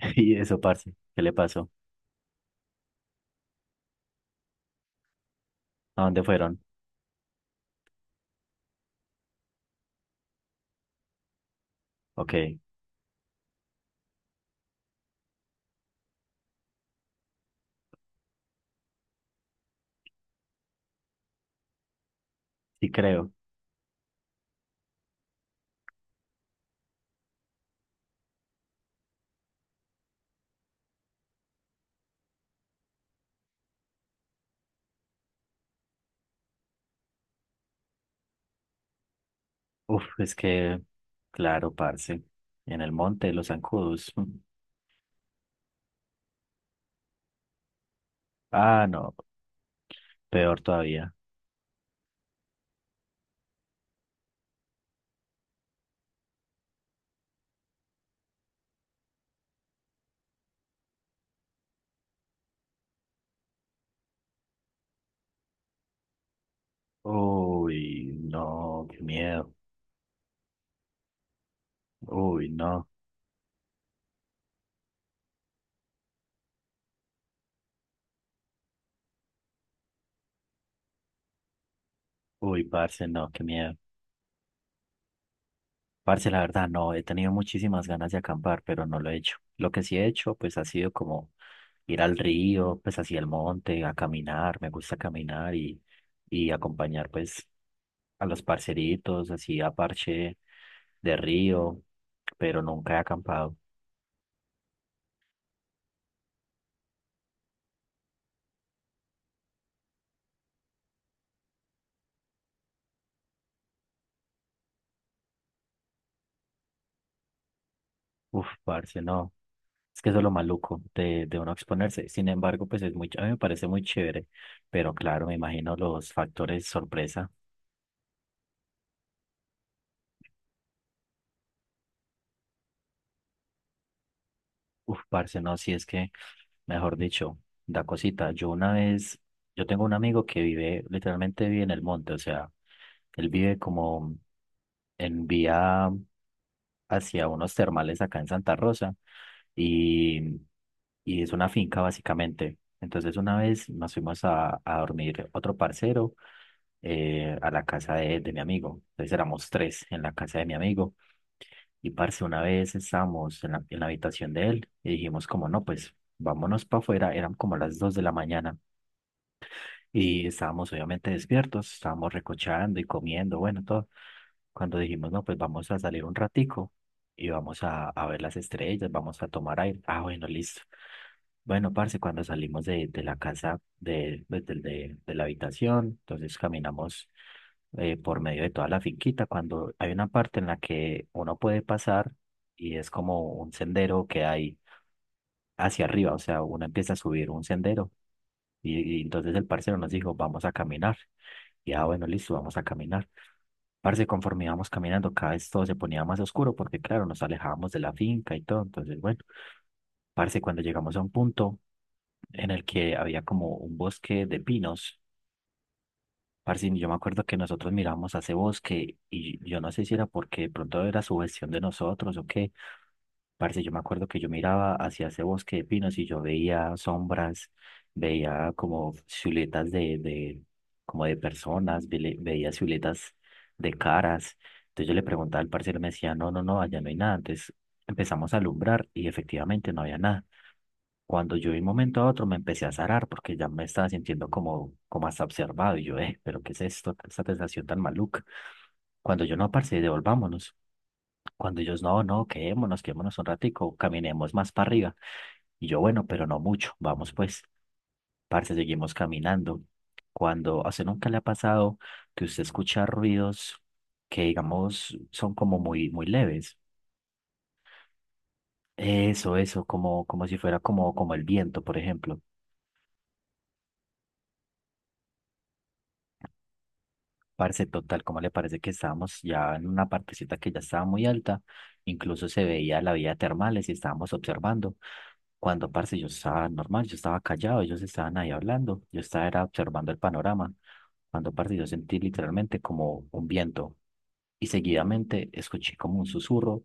Y eso, parce, ¿qué le pasó? ¿A dónde fueron? Ok, sí creo. Uf, es que, claro, parce, en el monte, los zancudos. mm. Ah, no, peor todavía. Uy, no, qué miedo. Uy, no. Uy, parce, no, qué miedo. Parce, la verdad, no, he tenido muchísimas ganas de acampar, pero no lo he hecho. Lo que sí he hecho, pues ha sido como ir al río, pues hacia el monte, a caminar, me gusta caminar y acompañar pues a los parceritos, así a parche de río, pero nunca he acampado. Uf, parce, no, es que eso es lo maluco de uno exponerse. Sin embargo, pues es muy, a mí me parece muy chévere, pero claro, me imagino los factores sorpresa. Uf, parce, no, si es que, mejor dicho, da cosita. Yo una vez, yo tengo un amigo que vive, literalmente vive en el monte, o sea, él vive como en vía hacia unos termales acá en Santa Rosa y, y es una finca básicamente. Entonces una vez nos fuimos a dormir otro parcero a la casa de mi amigo. Entonces éramos tres en la casa de mi amigo. Y parce, una vez estábamos en la habitación de él y dijimos como no, pues vámonos para afuera, eran como las 2 de la mañana y estábamos obviamente despiertos, estábamos recochando y comiendo, bueno, todo. Cuando dijimos no, pues vamos a salir un ratico y vamos a ver las estrellas, vamos a tomar aire. Ah, bueno, listo. Bueno, parce, cuando salimos de la casa, de, pues, de la habitación, entonces caminamos por medio de toda la finquita, cuando hay una parte en la que uno puede pasar y es como un sendero que hay hacia arriba, o sea, uno empieza a subir un sendero y entonces el parcero nos dijo, vamos a caminar. Y ah, bueno, listo, vamos a caminar. Parce, conforme íbamos caminando, cada vez todo se ponía más oscuro porque, claro, nos alejábamos de la finca y todo. Entonces, bueno, parce, cuando llegamos a un punto en el que había como un bosque de pinos. Parce, yo me acuerdo que nosotros mirábamos a ese bosque y yo no sé si era porque de pronto era sugestión de nosotros o qué. Parce, yo me acuerdo que yo miraba hacia ese bosque de pinos y yo veía sombras, veía como siluetas de, como de personas, veía siluetas de caras. Entonces yo le preguntaba al parcero y me decía, no, no, no, allá no hay nada. Entonces empezamos a alumbrar y efectivamente no había nada. Cuando yo de un momento a otro me empecé a zarar porque ya me estaba sintiendo como hasta observado y yo, pero ¿qué es esto? Esta sensación tan maluca. Cuando yo no, parce, devolvámonos. Cuando ellos, no, no, quedémonos, quedémonos un ratico, caminemos más para arriba. Y yo, bueno, pero no mucho, vamos pues, parce, seguimos caminando. Cuando, a usted nunca le ha pasado que usted escucha ruidos que, digamos, son como muy, muy leves. Eso, como, como si fuera como el viento, por ejemplo. Parce, total, como le parece que estábamos ya en una partecita que ya estaba muy alta? Incluso se veía la vía termales y estábamos observando. Cuando, parce, yo estaba normal, yo estaba callado, ellos estaban ahí hablando, yo estaba era observando el panorama. Cuando, parce, yo sentí literalmente como un viento y seguidamente escuché como un susurro,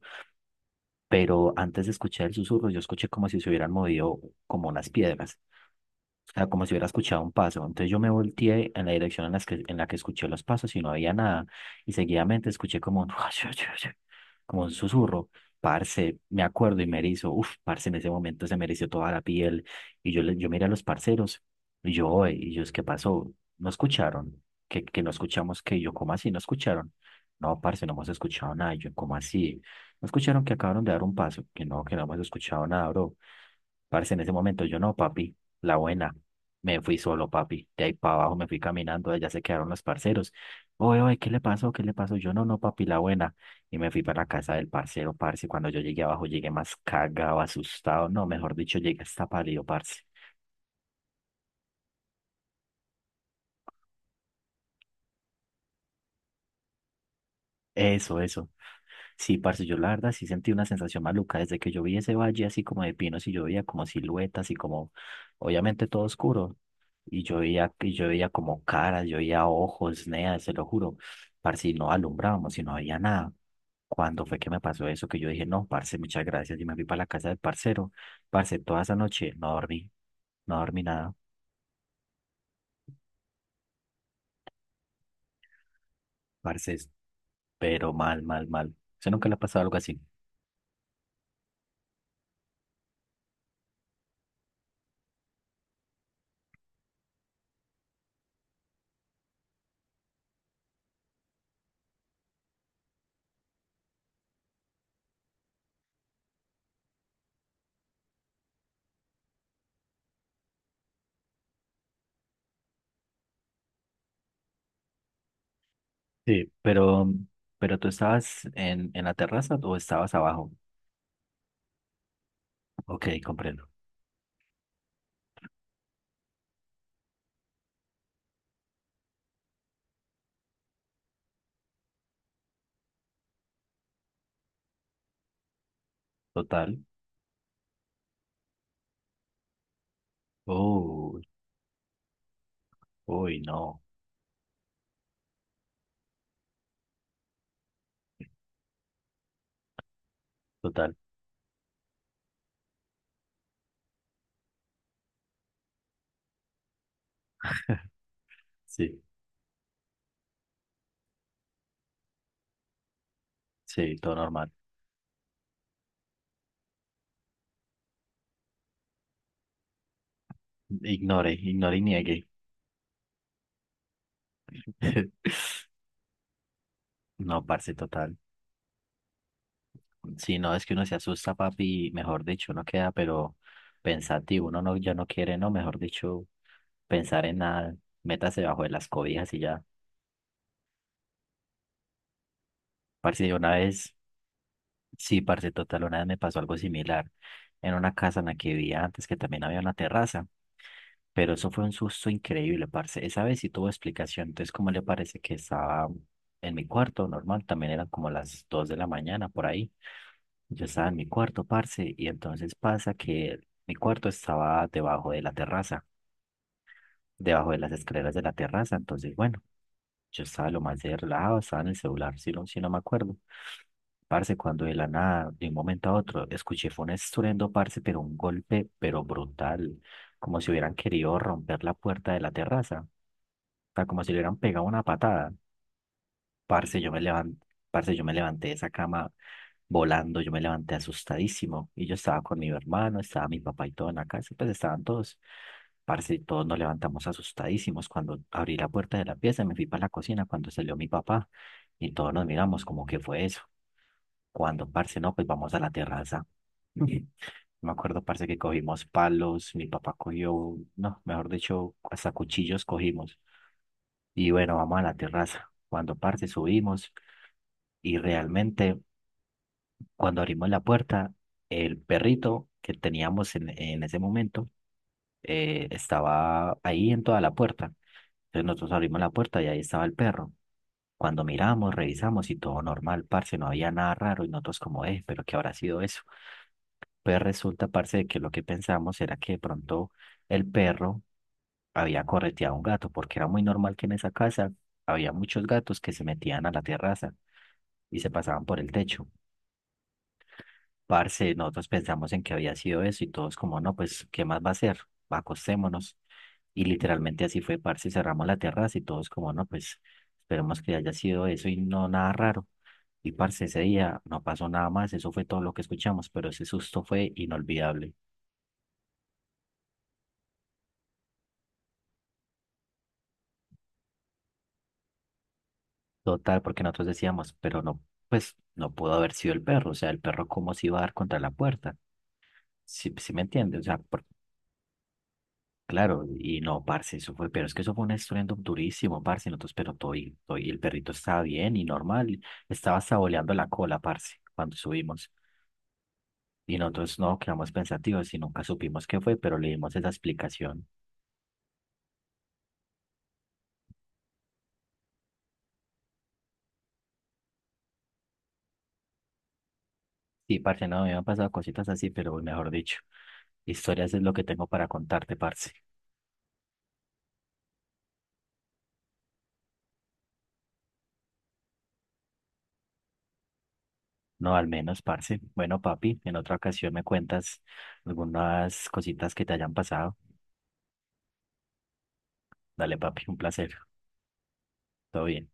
pero antes de escuchar el susurro, yo escuché como si se hubieran movido como unas piedras. O sea, como si hubiera escuchado un paso. Entonces yo me volteé en la dirección en la que escuché los pasos y no había nada. Y seguidamente escuché como un, como un susurro. Parce, me acuerdo y me erizo. Uf, parce, en ese momento se me erizó toda la piel. Y yo, yo miré a los parceros. Y yo, "Oe", y ellos, ¿qué pasó? ¿No escucharon? ¿Que no escuchamos? Que yo, ¿cómo así? ¿No escucharon? No, parce, no hemos escuchado nada. Y yo, ¿cómo así? ¿No escucharon que acabaron de dar un paso? Que no hemos escuchado nada, bro. Parce, en ese momento yo no, papi. La buena. Me fui solo, papi. De ahí para abajo me fui caminando, allá se quedaron los parceros. Oye, oye, ¿qué le pasó? ¿Qué le pasó? Yo no, no, papi, la buena. Y me fui para la casa del parcero, parce. Cuando yo llegué abajo, llegué más cagado, asustado. No, mejor dicho, llegué hasta pálido, parce. Eso, eso. Sí, parce, yo la verdad sí sentí una sensación maluca desde que yo vi ese valle así como de pinos y yo veía como siluetas y como, obviamente todo oscuro. Y yo veía como caras, yo veía ojos, nea, se lo juro. Parce, y no alumbrábamos y no había nada. Cuando fue que me pasó eso, que yo dije, no, parce, muchas gracias. Y me fui para la casa del parcero. Parce, toda esa noche no dormí, no dormí nada. Parce, pero mal, mal, mal. ¿Usted nunca le ha pasado algo así? Sí, pero tú estabas en la terraza o estabas abajo. Ok, comprendo. Total. Uy, uy, no. Total. Sí, sí, todo normal. Ignore, ignore y niegue. No, parce, total. Sí, no, es que uno se asusta, papi, y mejor dicho, uno queda, pero pensativo, uno no, ya no quiere, no, mejor dicho, pensar en nada, métase bajo de las cobijas y ya. Parce, yo una vez, sí, parce, total, una vez me pasó algo similar en una casa en la que vivía antes, que también había una terraza, pero eso fue un susto increíble, parce. Esa vez sí tuvo explicación, entonces, ¿cómo le parece que estaba en mi cuarto, normal, también eran como las dos de la mañana, por ahí? Yo estaba en mi cuarto, parce, y entonces pasa que mi cuarto estaba debajo de la terraza, debajo de las escaleras de la terraza. Entonces, bueno, yo estaba lo más de relajado, estaba en el celular, si no me acuerdo. Parce, cuando de la nada, de un momento a otro, escuché fue un estruendo, parce, pero un golpe, pero brutal, como si hubieran querido romper la puerta de la terraza, o sea, como si le hubieran pegado una patada. Parce, yo me levanté, parce, yo me levanté de esa cama volando. Yo me levanté asustadísimo y yo estaba con mi hermano, estaba mi papá y todo en la casa, y pues estaban todos. Parce, y todos nos levantamos asustadísimos. Cuando abrí la puerta de la pieza, me fui para la cocina cuando salió mi papá y todos nos miramos como que fue eso. Cuando, parce, no, pues vamos a la terraza. Ujú. Me acuerdo, parce, que cogimos palos, mi papá cogió, no, mejor dicho, hasta cuchillos cogimos. Y bueno, vamos a la terraza. Cuando, parce, subimos y realmente cuando abrimos la puerta, el perrito que teníamos en ese momento estaba ahí en toda la puerta. Entonces nosotros abrimos la puerta y ahí estaba el perro. Cuando miramos, revisamos y todo normal, parce, no había nada raro y nosotros como, pero ¿qué habrá sido eso? Pues resulta, parce, de que lo que pensamos era que de pronto el perro había correteado a un gato, porque era muy normal que en esa casa había muchos gatos que se metían a la terraza y se pasaban por el techo. Parce, nosotros pensamos en que había sido eso y todos como, no, pues, ¿qué más va a ser? Acostémonos. Y literalmente así fue, parce, cerramos la terraza y todos como, no, pues, esperemos que haya sido eso y no nada raro. Y parce, ese día no pasó nada más, eso fue todo lo que escuchamos, pero ese susto fue inolvidable. Total, porque nosotros decíamos, pero no, pues, no pudo haber sido el perro, o sea, el perro cómo se iba a dar contra la puerta. ¿Si me entiendes? O sea, claro, y no, parce, eso fue, pero es que eso fue un estruendo durísimo, parce, nosotros, pero todo y, todo y el perrito estaba bien y normal, y estaba saboleando la cola, parce, cuando subimos, y nosotros no quedamos pensativos y nunca supimos qué fue, pero le dimos esa explicación. Sí, parce, no, me han pasado cositas así, pero mejor dicho, historias es lo que tengo para contarte, parce. No, al menos, parce. Bueno, papi, en otra ocasión me cuentas algunas cositas que te hayan pasado. Dale, papi, un placer. Todo bien.